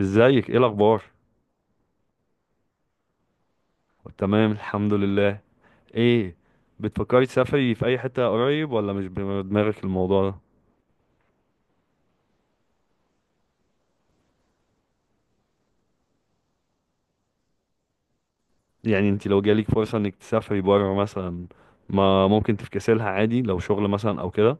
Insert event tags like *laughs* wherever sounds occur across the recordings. ازيك، ايه الاخبار؟ تمام، الحمد لله. ايه؟ بتفكري تسافري في اي حتة قريب، ولا مش بدماغك الموضوع ده؟ يعني انت لو جالك فرصة انك تسافري بره مثلا، ما ممكن تفكسلها عادي لو شغل مثلا او كده.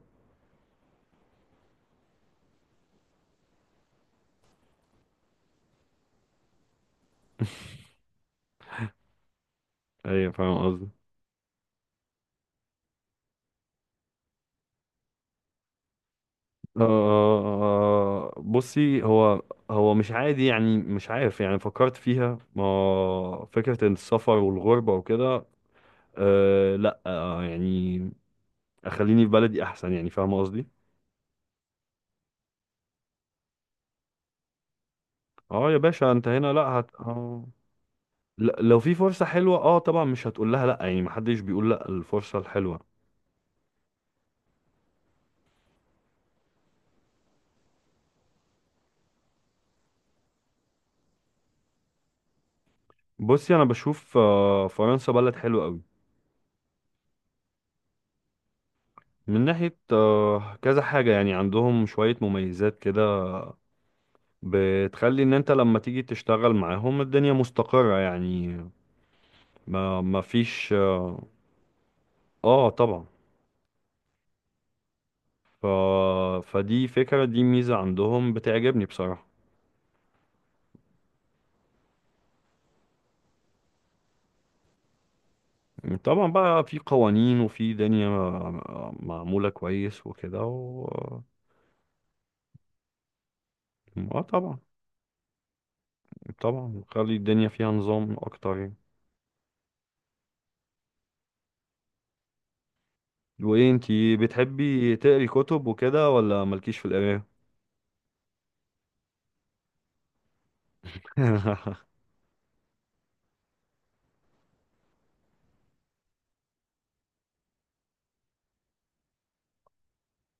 ايه، فاهم قصدي؟ آه، بصي، هو مش عادي يعني، مش عارف يعني، فكرت فيها ما فكرة إن السفر والغربة وكده، آه لا آه يعني اخليني في بلدي احسن يعني، فاهم قصدي. اه يا باشا، انت هنا لا. هت... آه. لا، لو في فرصة حلوة اه طبعا، مش هتقول لها لا، يعني محدش بيقول لا الفرصة الحلوة. بصي انا بشوف، فرنسا بلد حلوة قوي. من ناحية كذا حاجة، يعني عندهم شوية مميزات كده، بتخلي ان انت لما تيجي تشتغل معاهم الدنيا مستقرة يعني. ما فيش اه. طبعا. ف... فدي فكرة، دي ميزة عندهم بتعجبني بصراحة. طبعا، بقى في قوانين وفي دنيا معمولة كويس وكده اه طبعا. طبعا خلي الدنيا فيها نظام اكتر يعني. وايه، انتي بتحبي تقري كتب وكده، ولا مالكيش في القراية؟ *laughs*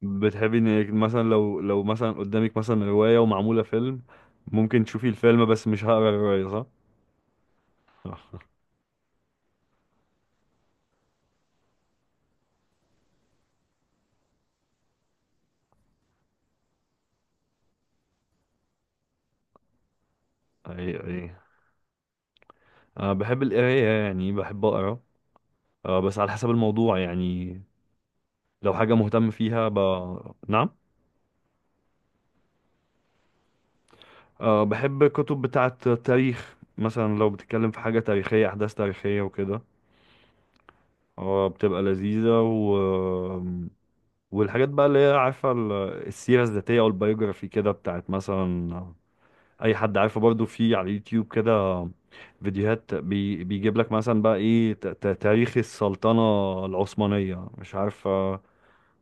بتحبي انك مثلا لو مثلا قدامك مثلا رواية ومعمولة فيلم، ممكن تشوفي الفيلم بس مش هقرا الرواية، صح؟ *laughs* اي، اي. انا بحب القراية، يعني بحب اقرا. بس على حسب الموضوع يعني، لو حاجة مهتم فيها نعم. أه، بحب كتب بتاعة تاريخ، مثلا لو بتتكلم في حاجة تاريخية، أحداث تاريخية وكده. أه، بتبقى لذيذة والحاجات بقى، اللي هي عارفة، السيرة الذاتية أو البيوجرافي كده، بتاعت مثلا أي حد عارفه، برضو في على اليوتيوب كده فيديوهات بيجيب لك مثلا بقى إيه، تاريخ السلطنة العثمانية، مش عارفة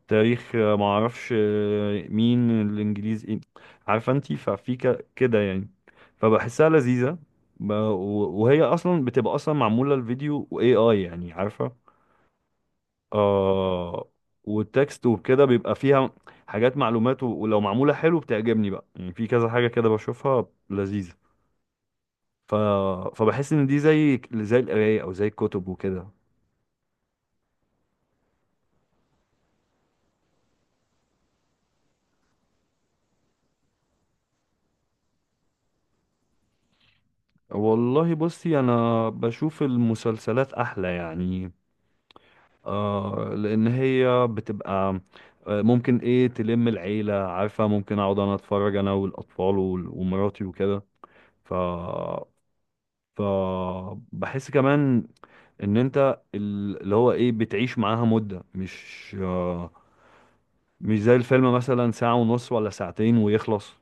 تاريخ، ما اعرفش، مين الانجليز ايه، عارفه انت، ففي كده يعني. فبحسها لذيذه، وهي اصلا بتبقى اصلا معموله الفيديو واي اي، يعني عارفه. آه. والتكست وكده بيبقى فيها حاجات، معلومات، ولو معموله حلو بتعجبني بقى، يعني في كذا حاجه كده بشوفها لذيذه. ف... فبحس ان دي زي القرايه، او زي الكتب وكده. والله، بصي انا بشوف المسلسلات احلى يعني، لان هي بتبقى، ممكن ايه تلم العيله، عارفه، ممكن اقعد انا اتفرج انا والاطفال ومراتي وكده. ف ف بحس كمان ان انت، اللي هو ايه، بتعيش معاها مده، مش. مش زي الفيلم مثلا ساعه ونص ولا ساعتين ويخلص.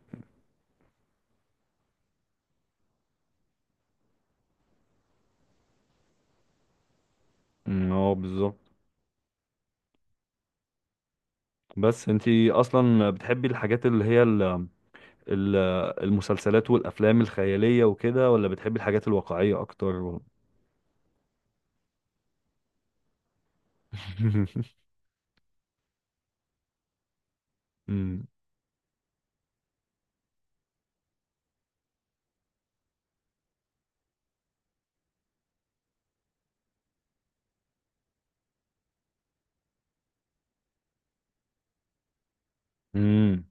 اه، بالظبط. بس انتي اصلا بتحبي الحاجات اللي هي ال- المسلسلات والافلام الخياليه وكده، ولا بتحبي الحاجات الواقعيه اكتر؟ *laughs* امم. امم.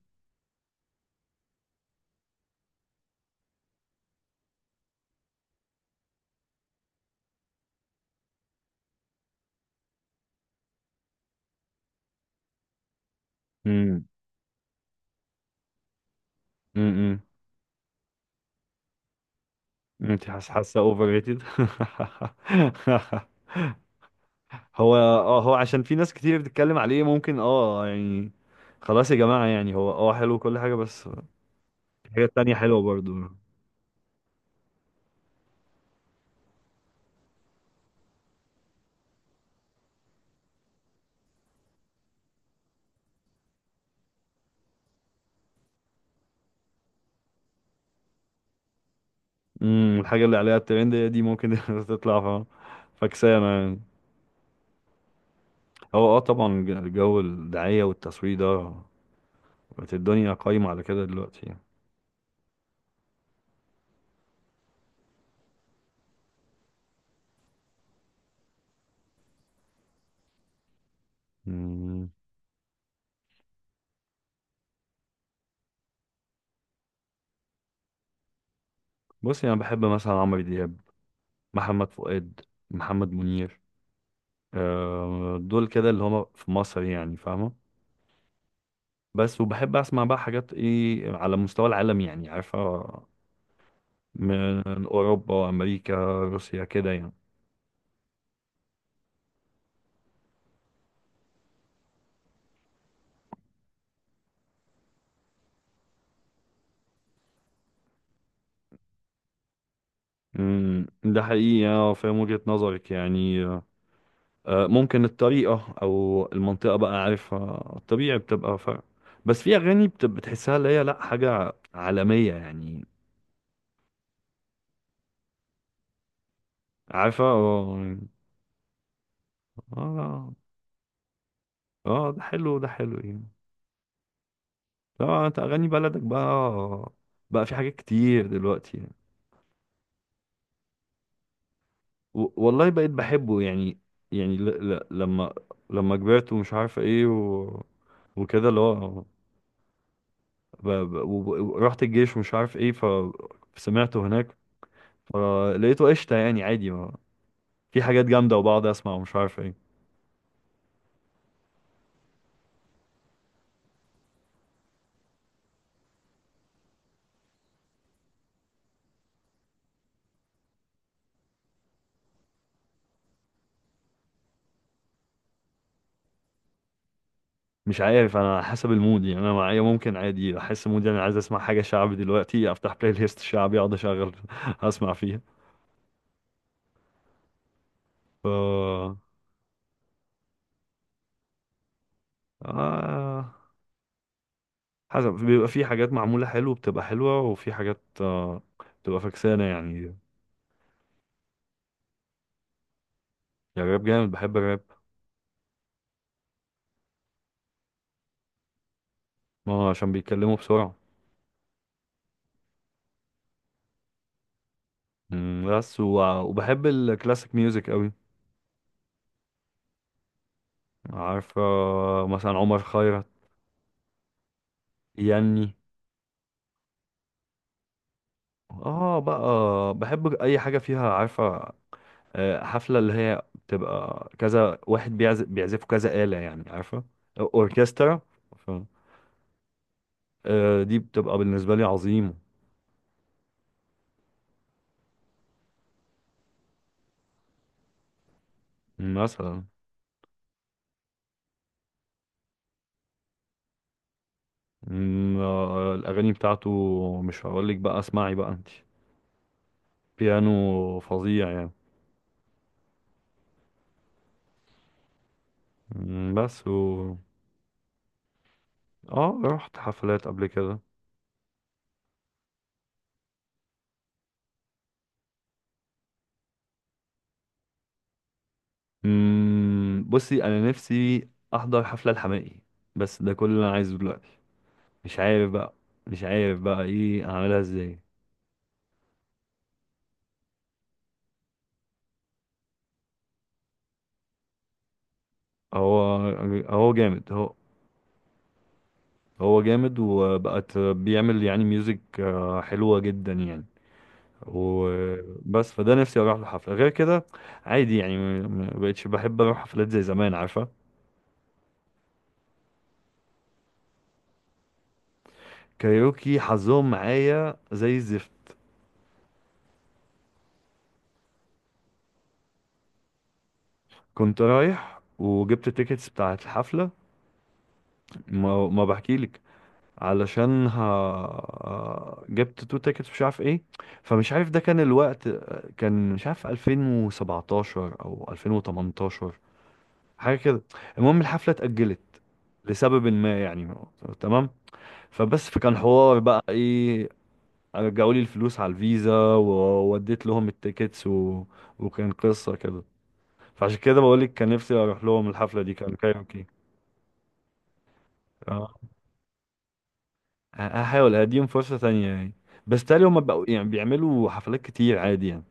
امم. امم. انت حاسه اوفر ريتد. *laughs* هو اه، عشان في ناس كتير بتتكلم عليه، ممكن اه يعني خلاص يا جماعه، يعني هو حلو كل حاجه بس. الحاجه التانيه حلوه برضو. امم، الحاجه اللي عليها الترند هي دي، ممكن *laughs* تطلع فكسانه يعني. هو طبعا، الجو الدعايه والتصوير ده، بقت الدنيا قايمه على كده دلوقتي يعني. امم. بصي، انا بحب مثلا عمرو دياب، محمد فؤاد، محمد منير. دول كده اللي هما في مصر يعني، فاهمة. بس وبحب أسمع بقى حاجات إيه على مستوى العالم، يعني عارفة، من أوروبا، أمريكا، روسيا كده يعني. ده حقيقي، أه فاهم وجهة نظرك يعني. ممكن الطريقة أو المنطقة بقى، عارفة، الطبيعي بتبقى فرق. بس في أغاني بتحسها اللي هي لأ حاجة عالمية يعني، عارفة اه. آه، ده حلو، ده حلو يعني. طبعا انت اغاني بلدك بقى، بقى في حاجات كتير دلوقتي يعني. والله، بقيت بحبه يعني. يعني ل... ل... لما لما كبرت ومش عارف ايه وكده اللي هو ورحت الجيش ومش عارف ايه، سمعته هناك. فلقيته قشطة، يعني عادي ما... في حاجات جامدة وبقعد اسمع، ومش عارف ايه. مش عارف، انا على حسب المود يعني، انا معايا ممكن عادي احس مودي انا عايز اسمع حاجة شعبي دلوقتي، افتح بلاي ليست شعبي، اقعد اشغل *laughs* اسمع فيها. ف آه... حسب، بيبقى في حاجات معمولة حلو بتبقى حلوة، وفي حاجات بتبقى فكسانة، يعني. الراب جامد، بحب الراب. ما هو عشان بيتكلموا بسرعة. بس وبحب الكلاسيك ميوزك قوي. عارف، مثلا عمر خيرت. يني اه بقى، بحب اي حاجة فيها، عارفة، حفلة اللي هي بتبقى كذا واحد بيعزف، كذا آلة يعني، عارفة، اوركسترا. ف- دي بتبقى بالنسبة لي عظيمة مثلا. الأغاني بتاعته، مش هقولك بقى اسمعي بقى انت، بيانو فظيع يعني. بس اه، رحت حفلات قبل كده. بصي أنا نفسي أحضر حفلة الحماقي، بس ده كل اللي أنا عايزه دلوقتي. مش عارف بقى، إيه أعملها إزاي. هو هو جامد. هو جامد وبقت بيعمل يعني ميوزك حلوة جدا يعني. وبس، فده نفسي اروح لحفله غير كده عادي يعني، مبقتش بحب اروح حفلات زي زمان، عارفه. كايروكي حظهم معايا زي الزفت. كنت رايح وجبت التيكتس بتاعت الحفله، ما بحكيلك. علشان ها جبت تو تيكتس، مش عارف ايه. فمش عارف ده كان الوقت، كان مش عارف 2017 او 2018 حاجه كده. المهم الحفله اتأجلت لسبب ما يعني، تمام. فبس، فكان حوار بقى ايه، رجعوا لي الفلوس على الفيزا، ووديت لهم التيكتس وكان قصة كده. فعشان كده بقول لك، كان نفسي اروح لهم الحفلة دي، كان كايروكي. اه، هحاول اديهم فرصة تانية يعني. بس تالي هما بقوا يعني بيعملوا حفلات كتير، عادي يعني.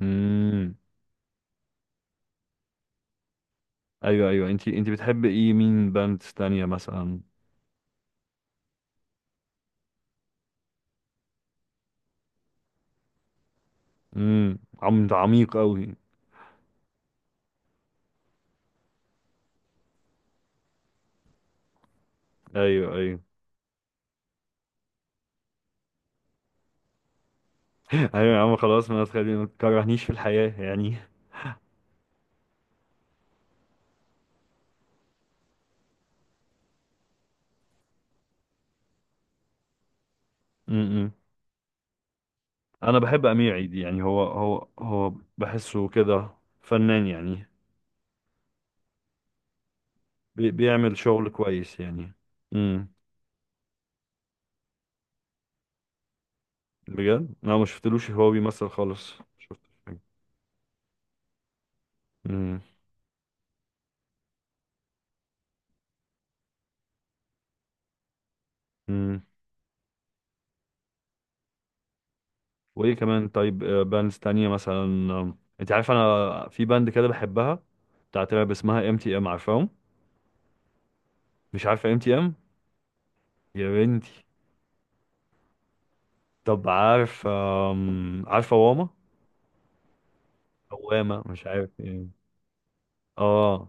امم. ايوه، ايوه، انت بتحب ايه، مين باندز تانية مثلا؟ امم، ده عميق قوي. ايوه، ايوه. *laughs* ايوه يا عم خلاص، ما تخليني، ما تكرهنيش في الحياة يعني. *laughs* امم. انا بحب امير عيد يعني، هو بحسه كده فنان يعني. بيعمل شغل كويس يعني. امم. بجد انا ما شفتلوش هو بيمثل خالص، شفتش حاجه. امم. امم. وايه كمان، طيب باندز تانية مثلا، انت عارف انا في باند كده بحبها، بتاعت راب، اسمها ام تي ام، عارفاهم؟ مش عارفه ام تي ام، يا بنتي؟ طب عارف، عارفه واما، واما مش عارف ايه. اه،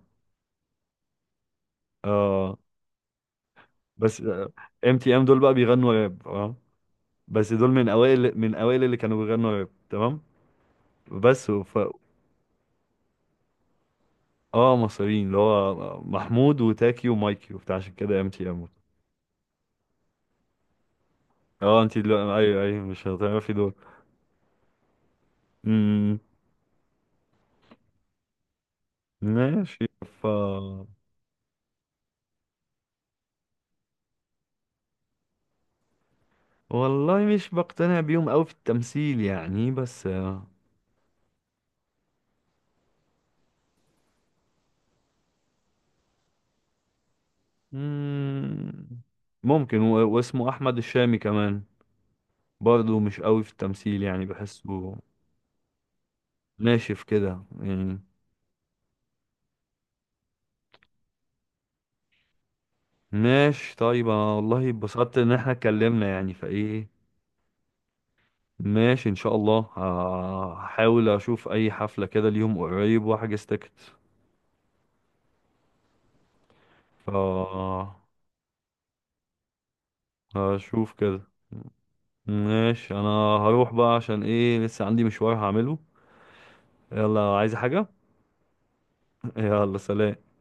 اه. بس ام تي ام دول بقى بيغنوا راب اه، بس دول من اوائل اللي كانوا بيغنوا راب، تمام. بس اه، مصريين، اللي هو محمود وتاكي ومايكي وبتاع، عشان كده ام تي ام. اه انت دلوقتي، ايوه، ايوه مش هتعرفي دول. امم. ماشي. ف والله، مش بقتنع بيهم قوي في التمثيل يعني بس. امم. ممكن واسمه احمد الشامي كمان، برضه مش قوي في التمثيل يعني، بحسه ناشف كده يعني. ماشي طيب، انا والله اتبسطت ان احنا اتكلمنا يعني، فايه. ماشي ان شاء الله، هحاول اشوف اي حفلة كده اليوم قريب واحجز تيكت. ف هشوف كده. ماشي، انا هروح بقى، عشان ايه لسه عندي مشوار هعمله. يلا، عايز حاجة؟ *laughs* يلا، سلام.